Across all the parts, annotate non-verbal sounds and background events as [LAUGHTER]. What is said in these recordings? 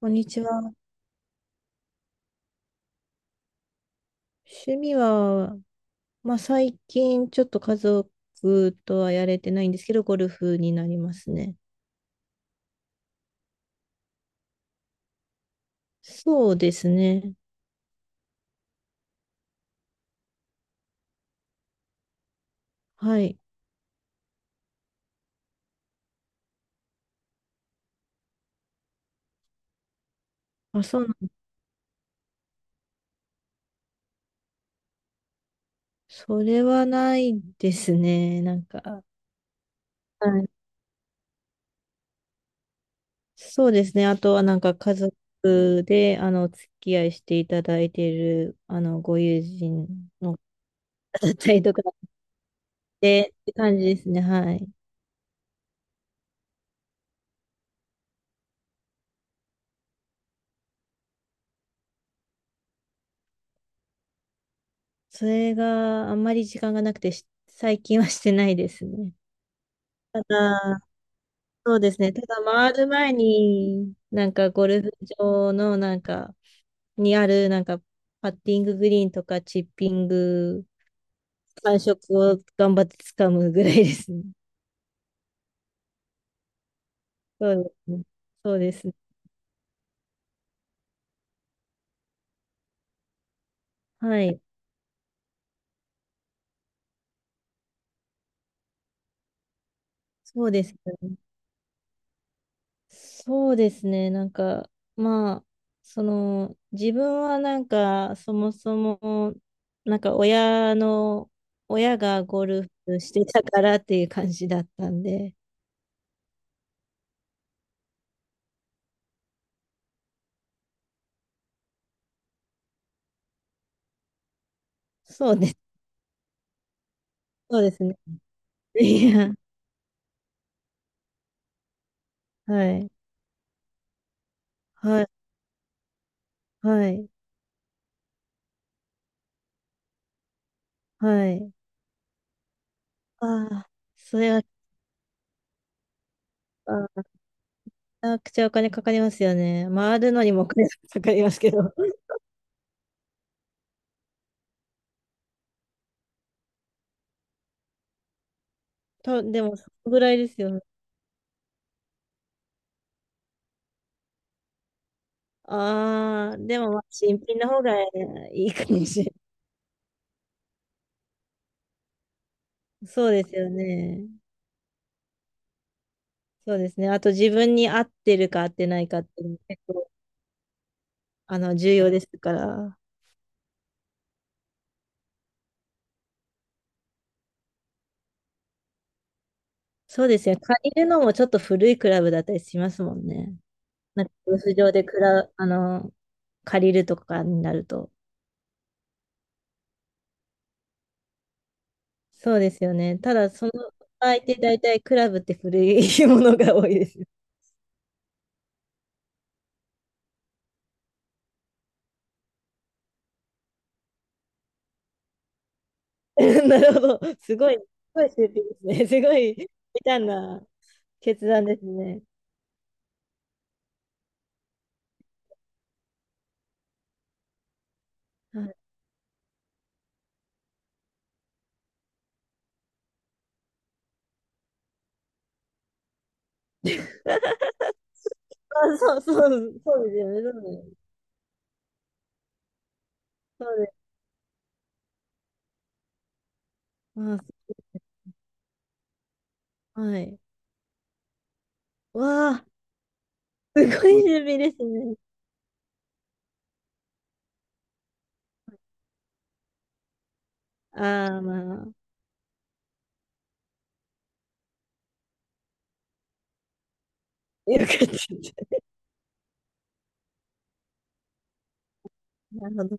こんにちは。趣味は、まあ、最近ちょっと家族とはやれてないんですけど、ゴルフになりますね。そうですね。はい。あ、そうなん、それはないですね。なんか、はい。そうですね。あとはなんか家族で、お付き合いしていただいている、ご友人の [LAUGHS] 方だったりとかで、って感じですね。はい。それがあんまり時間がなくてし、最近はしてないですね。ただ、そうですね。ただ回る前に、なんかゴルフ場のなんか、にあるなんか、パッティンググリーンとかチッピング、感触を頑張って掴むぐらいですね。そうですね。そうですね。はい。そうですね。そうですね。なんか、まあ、その、自分はなんか、そもそも、なんか親がゴルフしてたからっていう感じだったんで、そうです。そうですね。いや、はい、はい、はい、はい。ああ、それは、あー、めちゃくちゃお金かかりますよね。回るのにもお金かかりますけど。[LAUGHS] と、でも、そのぐらいですよね。ああ、でも、まあ、新品の方がいいかもしれない。そうですよね。そうですね。あと、自分に合ってるか合ってないかっていうのも結構、重要ですから。そうですね。借りるのもちょっと古いクラブだったりしますもんね。なんか、ゴルフ場でクラ、あの、借りるとかになると。そうですよね。ただ、その場合って大体クラブって古いものが多いです。[LAUGHS] なるほど。すごい、すごい出品ですね。[LAUGHS] すごい、みたな決断ですね。はいあ、[LAUGHS] そう、そう、そうですよね。そうです。そうです。あ、そうはい。わあ、すごい準備ですね。ああ、まあ、よかった。なるほど。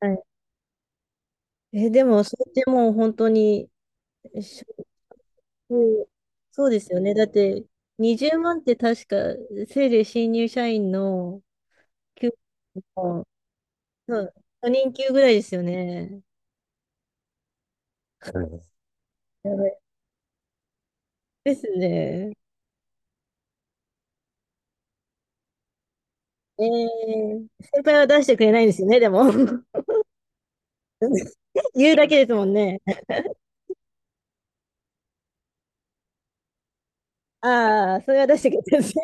はい。え、でも、それってもう本当に、うんそうですよね。だって、20万って確か、せいぜい新入社員の給料の、うん初任給ぐらいですよね。やばいですね。えー、先輩は出してくれないんですよね、でも。[LAUGHS] 言うだけですもんね。ああ、それは出してくれてるんですね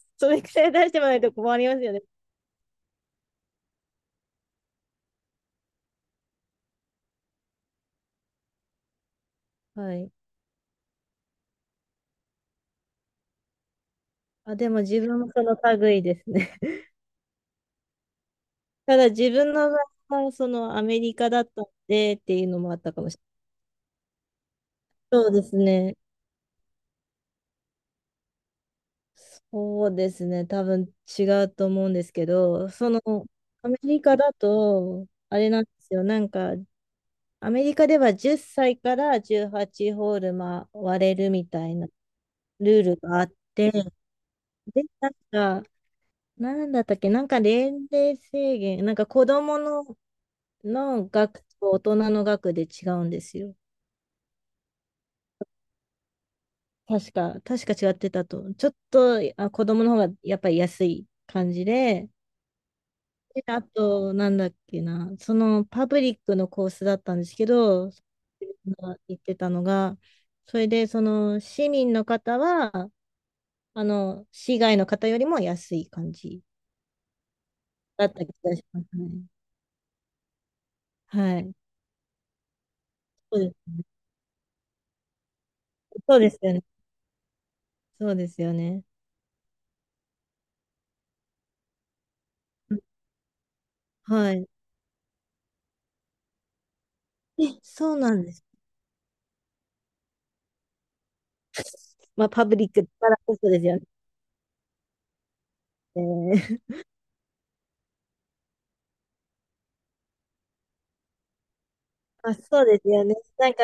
[LAUGHS] それくらい出してもらわないと困りますよね。はい。あ、でも自分もその類ですね。[LAUGHS] ただ自分の場合はそのアメリカだったんでっていうのもあったかもしれない。そうですね。そうですね。多分違うと思うんですけど、アメリカだと、あれなんですよ。なんか、アメリカでは10歳から18ホール回れるみたいなルールがあって、で、なんか、なんだったっけ、なんか年齢制限、なんか子供の、の額と大人の額で違うんですよ。確か、確か違ってたと。ちょっと、あ、子供の方がやっぱり安い感じで、であと、なんだっけな、そのパブリックのコースだったんですけど、言ってたのが、それで、その市民の方は、市外の方よりも安い感じだった気がしますね。はい。そうです。そうですよね。そうですよね。はい。え、そうなんです。[LAUGHS] まあ、パブリックだからこそですよね。えー [LAUGHS] まあ、そうですよね。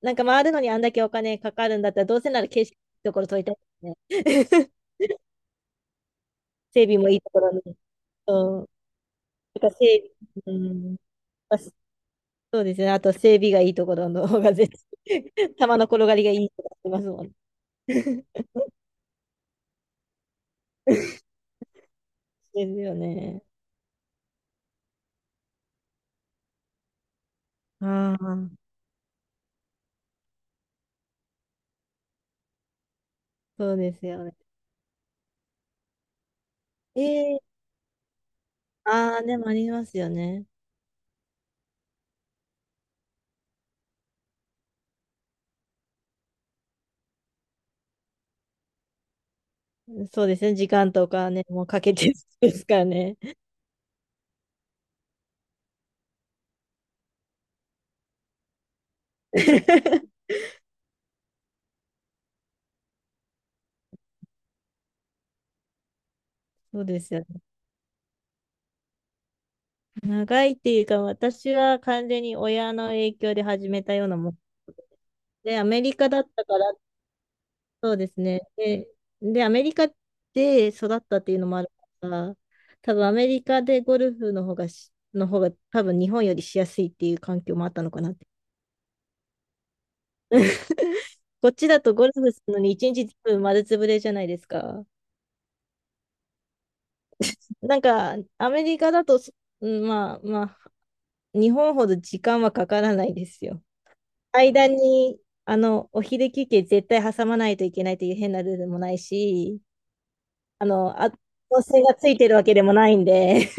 なんか回るのにあんだけお金かかるんだったら、どうせなら景色のところ取りたいですね。整備もいいところに。うん。だから整備、うん。まあ、そうですね。あと整備がいいところの方が絶対、[LAUGHS] 球の転がりがいいとかってますもん。[LAUGHS] ですよね。ああ、そうですよね。ええああ、でもありますよね。そうですね。時間とかね、もうかけてですからね。[LAUGHS] そうですよね。長いっていうか、私は完全に親の影響で始めたようなもんで、アメリカだったから、そうですね。で、アメリカで育ったっていうのもあるから、多分アメリカでゴルフの方がし、の方が多分日本よりしやすいっていう環境もあったのかなって。[LAUGHS] こっちだとゴルフするのに一日ずつ丸つぶれじゃないですか。なんか、アメリカだとそ、うんまあまあ、日本ほど時間はかからないですよ。間に、お昼休憩絶対挟まないといけないという変なルールもないし、あの、あ、温泉がついてるわけでもないんで、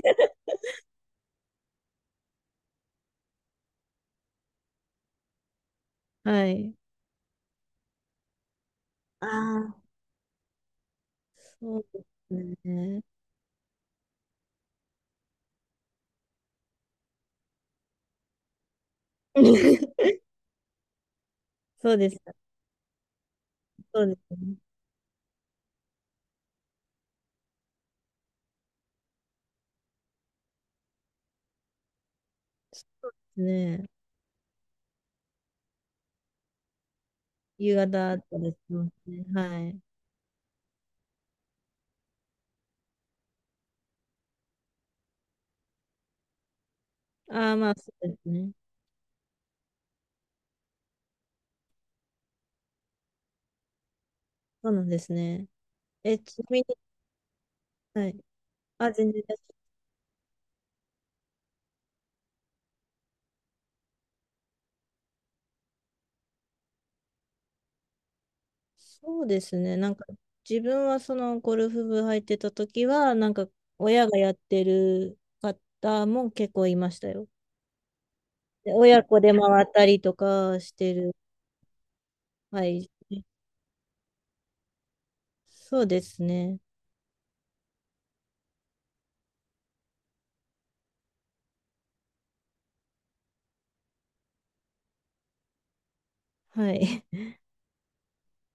はい。ああ、そうですね。[LAUGHS] そうです。そうですね。ちょっとね、夕方とかですね。はい。ああ、まあ、そうですね。そうなんですね。え、ちなみに、はい。あ、全然大丈夫。そうですね。なんか、自分はそのゴルフ部入ってた時は、なんか、親がやってる方も結構いましたよ。で、親子で回ったりとかしてる。はい。そうですね。はい。